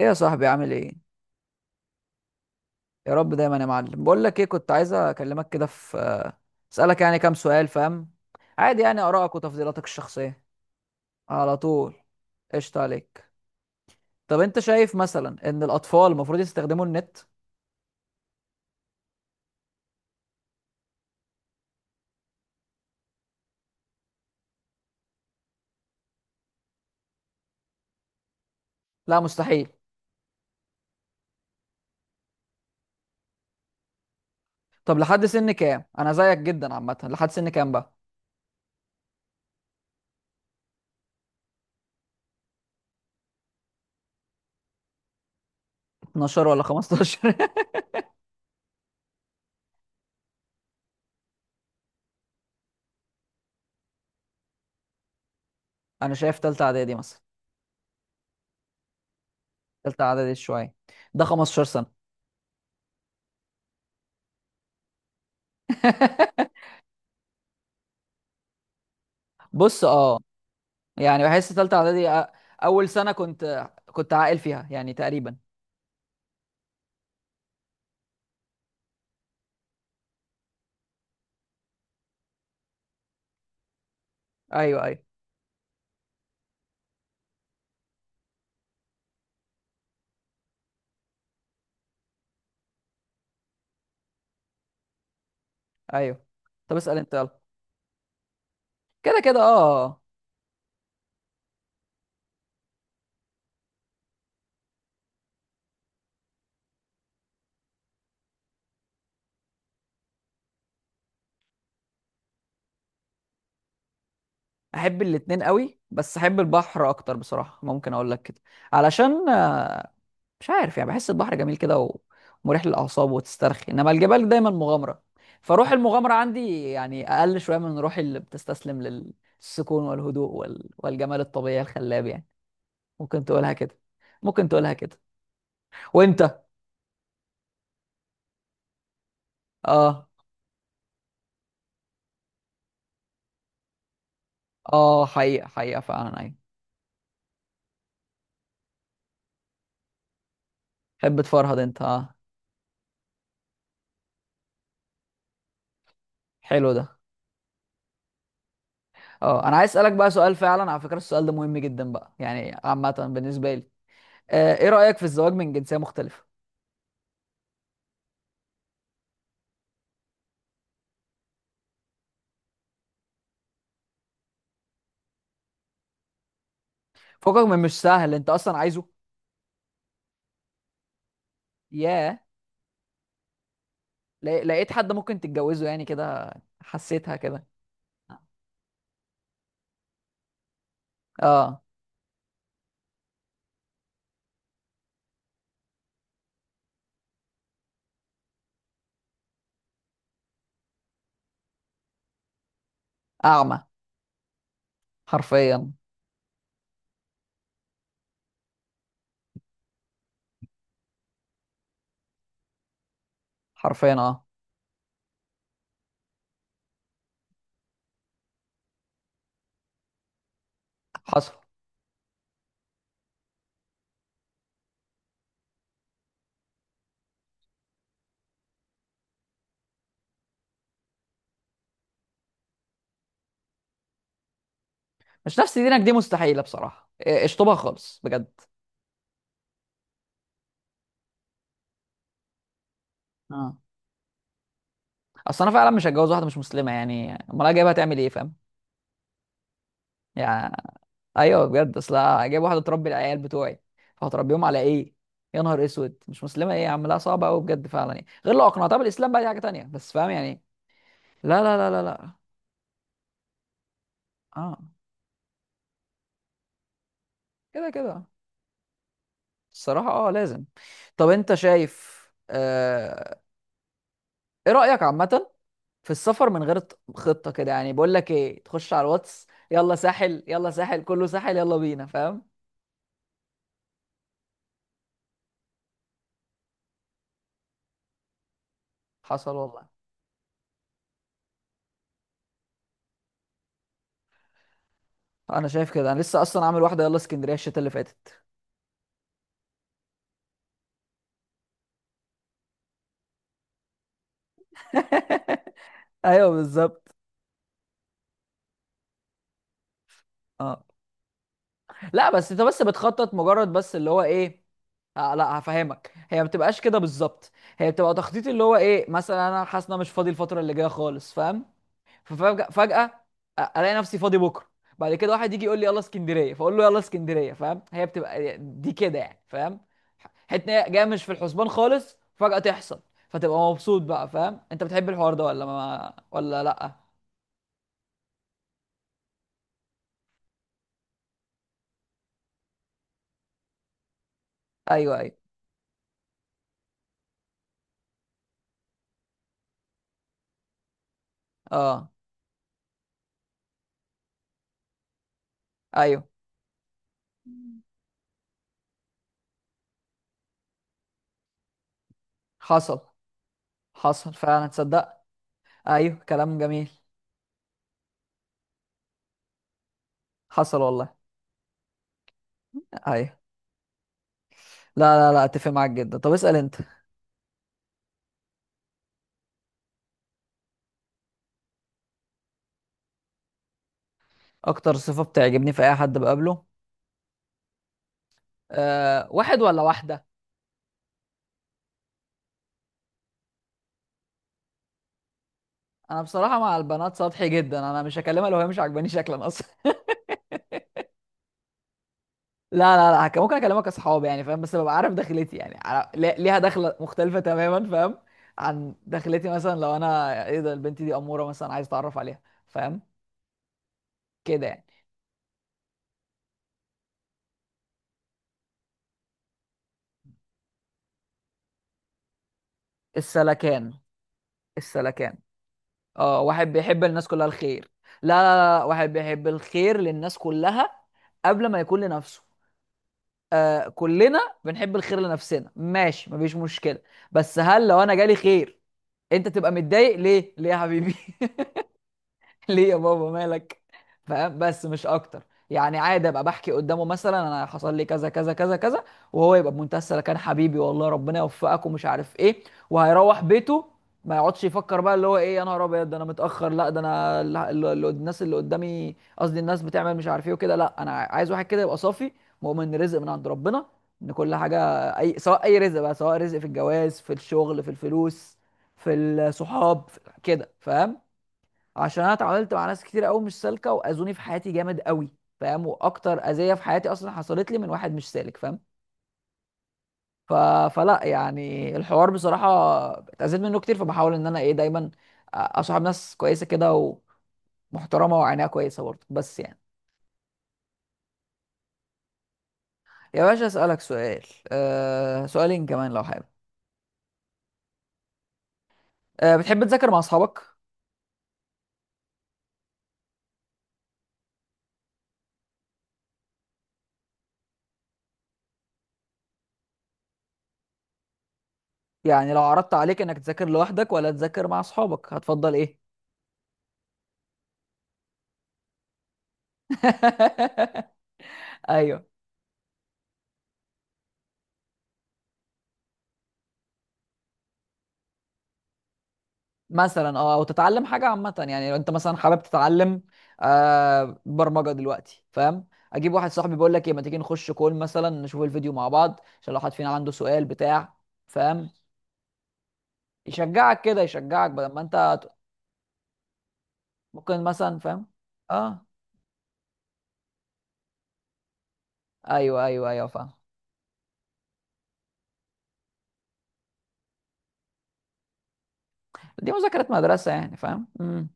ايه يا صاحبي؟ عامل ايه؟ يا رب دايما يا معلم. بقول لك ايه، كنت عايز اكلمك كده في، اسالك يعني كام سؤال، فاهم؟ عادي يعني ارائك وتفضيلاتك الشخصيه. على طول. قشطه عليك. طب انت شايف مثلا ان الاطفال المفروض يستخدموا النت؟ لا مستحيل. طب لحد سن كام؟ انا زيك جدا عامه، لحد سن كام بقى؟ 12 ولا 15؟ انا شايف تالتة اعدادي مثلا. تالتة اعدادي شويه، ده 15 سنه. بص اه، يعني بحس تالتة اعدادي اول سنه كنت عاقل فيها يعني تقريبا. ايوه ايوه ايوه. طب اسال انت يلا. كده كده اه. احب الاتنين قوي، بس احب البحر اكتر بصراحه، ممكن اقول لك كده. علشان مش عارف، يعني بحس البحر جميل كده ومريح للاعصاب وتسترخي، انما الجبال دايما مغامره. فروح المغامره عندي يعني اقل شويه من روح اللي بتستسلم للسكون والهدوء والجمال الطبيعي الخلاب يعني. ممكن تقولها كده، ممكن تقولها كده. وانت؟ اه اه، حقيقه حقيقه فعلا ايوه. تحب تفرهد انت؟ اه، حلو ده. اه انا عايز اسالك بقى سؤال، فعلا على فكره السؤال ده مهم جدا بقى يعني عامه بالنسبه لي. ايه رايك في الزواج من جنسيه مختلفه؟ فوقك من مش سهل؟ انت اصلا عايزه؟ ياه. لقيت حد ممكن تتجوزه يعني كده؟ حسيتها كده؟ اه. اعمى. حرفيا. حرفيا اه. حصل. مش نفس دينك دي مستحيله بصراحه، إيه، اشطبها خالص بجد. اه، اصل انا فعلا مش هتجوز واحده مش مسلمه، يعني امال أنا جايبها تعمل ايه؟ فاهم يعني؟ ايوه بجد. اصل جايب واحده تربي العيال بتوعي، فهتربيهم على ايه؟ يا نهار اسود، مش مسلمه؟ ايه يا عم؟ لا صعبه قوي بجد فعلا يعني. غير لو اقنعتها بالاسلام بقى دي حاجه تانية، بس فاهم يعني؟ لا لا لا لا لا. اه كده كده. الصراحه اه لازم. طب انت شايف، آه... ايه رايك عامه في السفر من غير خطه كده؟ يعني بقول لك ايه، تخش على الواتس يلا ساحل، يلا ساحل، كله ساحل، يلا بينا، فاهم؟ حصل والله. انا شايف كده. انا لسه اصلا عامل واحده، يلا اسكندريه الشتا اللي فاتت. ايوه بالظبط. اه لا، بس انت بس بتخطط، مجرد بس اللي هو ايه، آه لا هفهمك، هي ما بتبقاش كده بالظبط. هي بتبقى تخطيط، اللي هو ايه، مثلا انا حاسس ان انا مش فاضي الفتره اللي جايه خالص فاهم. ففجاه فجاه الاقي نفسي فاضي بكره، بعد كده واحد يجي يقول لي يلا اسكندريه، فاقول له يلا اسكندريه، فاهم؟ هي بتبقى دي كده يعني، فاهم؟ حتة إن هي جايه مش في الحسبان خالص، فجاه تحصل، فتبقى مبسوط بقى، فاهم؟ انت بتحب الحوار ده ولا ما ولا لا؟ ايوه ايوه اه ايوه. حصل. حصل فعلا تصدق. ايوه كلام جميل. حصل والله. ايوه. لا لا لا اتفق معاك جدا. طب اسأل انت. اكتر صفة بتعجبني في اي حد بقابله؟ أه واحد ولا واحدة؟ انا بصراحة مع البنات سطحي جدا، انا مش هكلمها لو هي مش عاجباني شكلا اصلا. لا لا لا، ممكن اكلمك اصحاب يعني فاهم، بس ببقى عارف دخلتي يعني ليها دخلة مختلفة تماما، فاهم؟ عن دخلتي، مثلا لو انا ايه ده البنت دي امورة مثلا، عايز اتعرف عليها، فاهم؟ كده يعني. السلكان. السلكان. اه واحد بيحب الناس كلها الخير. لا لا لا، واحد بيحب الخير للناس كلها قبل ما يكون لنفسه. آه كلنا بنحب الخير لنفسنا ماشي مفيش مشكلة. بس هل لو انا جالي خير انت تبقى متضايق؟ ليه؟ ليه يا حبيبي؟ ليه يا بابا مالك؟ فاهم؟ بس مش اكتر، يعني عادي ابقى بحكي قدامه مثلا انا حصل لي كذا كذا كذا كذا، وهو يبقى بمنتهى السلامه، كان حبيبي والله ربنا يوفقك ومش عارف ايه، وهيروح بيته. ما يقعدش يفكر بقى اللي هو ايه، يا نهار ابيض ده انا متاخر، لا ده انا الناس اللي قدامي، قصدي الناس بتعمل مش عارف ايه وكده. لا انا عايز واحد كده يبقى صافي، مؤمن ان رزق من عند ربنا، ان كل حاجه، اي سواء اي رزق بقى، سواء رزق في الجواز، في الشغل، في الفلوس، في الصحاب، في كده، فاهم؟ عشان انا اتعاملت مع ناس كتير قوي مش سالكه واذوني في حياتي جامد قوي، فاهم؟ واكتر اذيه في حياتي اصلا حصلت لي من واحد مش سالك، فاهم؟ ف... فلا يعني الحوار بصراحه اتاذيت منه كتير. فبحاول ان انا ايه دايما اصاحب ناس كويسه كده ومحترمه وعينيها كويسه برضه، بس يعني. يا باشا اسالك سؤال، أه سؤالين كمان لو حابب. أه بتحب تذاكر مع اصحابك؟ يعني لو عرضت عليك انك تذاكر لوحدك ولا تذاكر مع اصحابك، هتفضل ايه؟ ايوه. مثلا اه، او تتعلم حاجه عامه يعني. لو انت مثلا حابب تتعلم آه برمجه دلوقتي فاهم، اجيب واحد صاحبي بيقول لك ايه، ما تيجي نخش كول مثلا نشوف الفيديو مع بعض، عشان لو حد فينا عنده سؤال بتاع، فاهم؟ يشجعك كده، يشجعك بدل ما انت ممكن مثلا فاهم. اه ايوه ايوه ايوه فاهم. دي مذاكره مدرسه يعني فاهم. امم.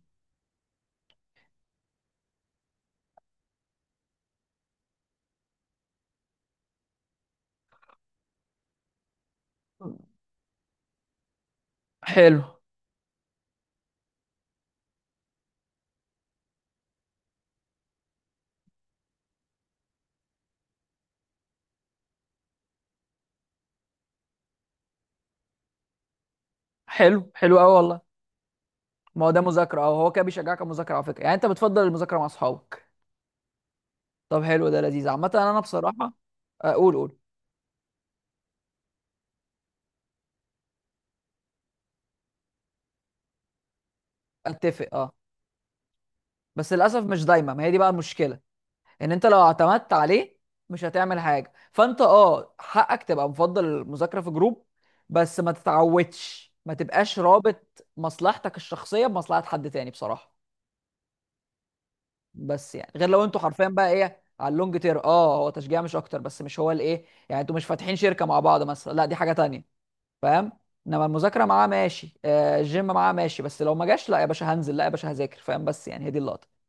حلو حلو حلو قوي والله. ما هو ده مذاكره اه، هو كده بيشجعك على المذاكره على فكره. يعني انت بتفضل المذاكره مع اصحابك؟ طب حلو ده لذيذ عامه. انا بصراحه اقول، قول قول. اتفق اه، بس للاسف مش دايما، ما هي دي بقى المشكله، ان انت لو اعتمدت عليه مش هتعمل حاجه. فانت اه حقك تبقى مفضل المذاكره في جروب، بس ما تتعودش، ما تبقاش رابط مصلحتك الشخصيه بمصلحه حد تاني بصراحه. بس يعني غير لو انتوا حرفيا بقى ايه على اللونج تير، اه هو تشجيع مش اكتر، بس مش هو الايه يعني، انتوا مش فاتحين شركه مع بعض مثلا، لا دي حاجه تانيه، فاهم؟ انما المذاكره معاه ماشي، آه الجيم معاه ماشي، بس لو ما جاش لا يا باشا هنزل، لا يا باشا هذاكر، فاهم؟ بس يعني هي دي اللقطه.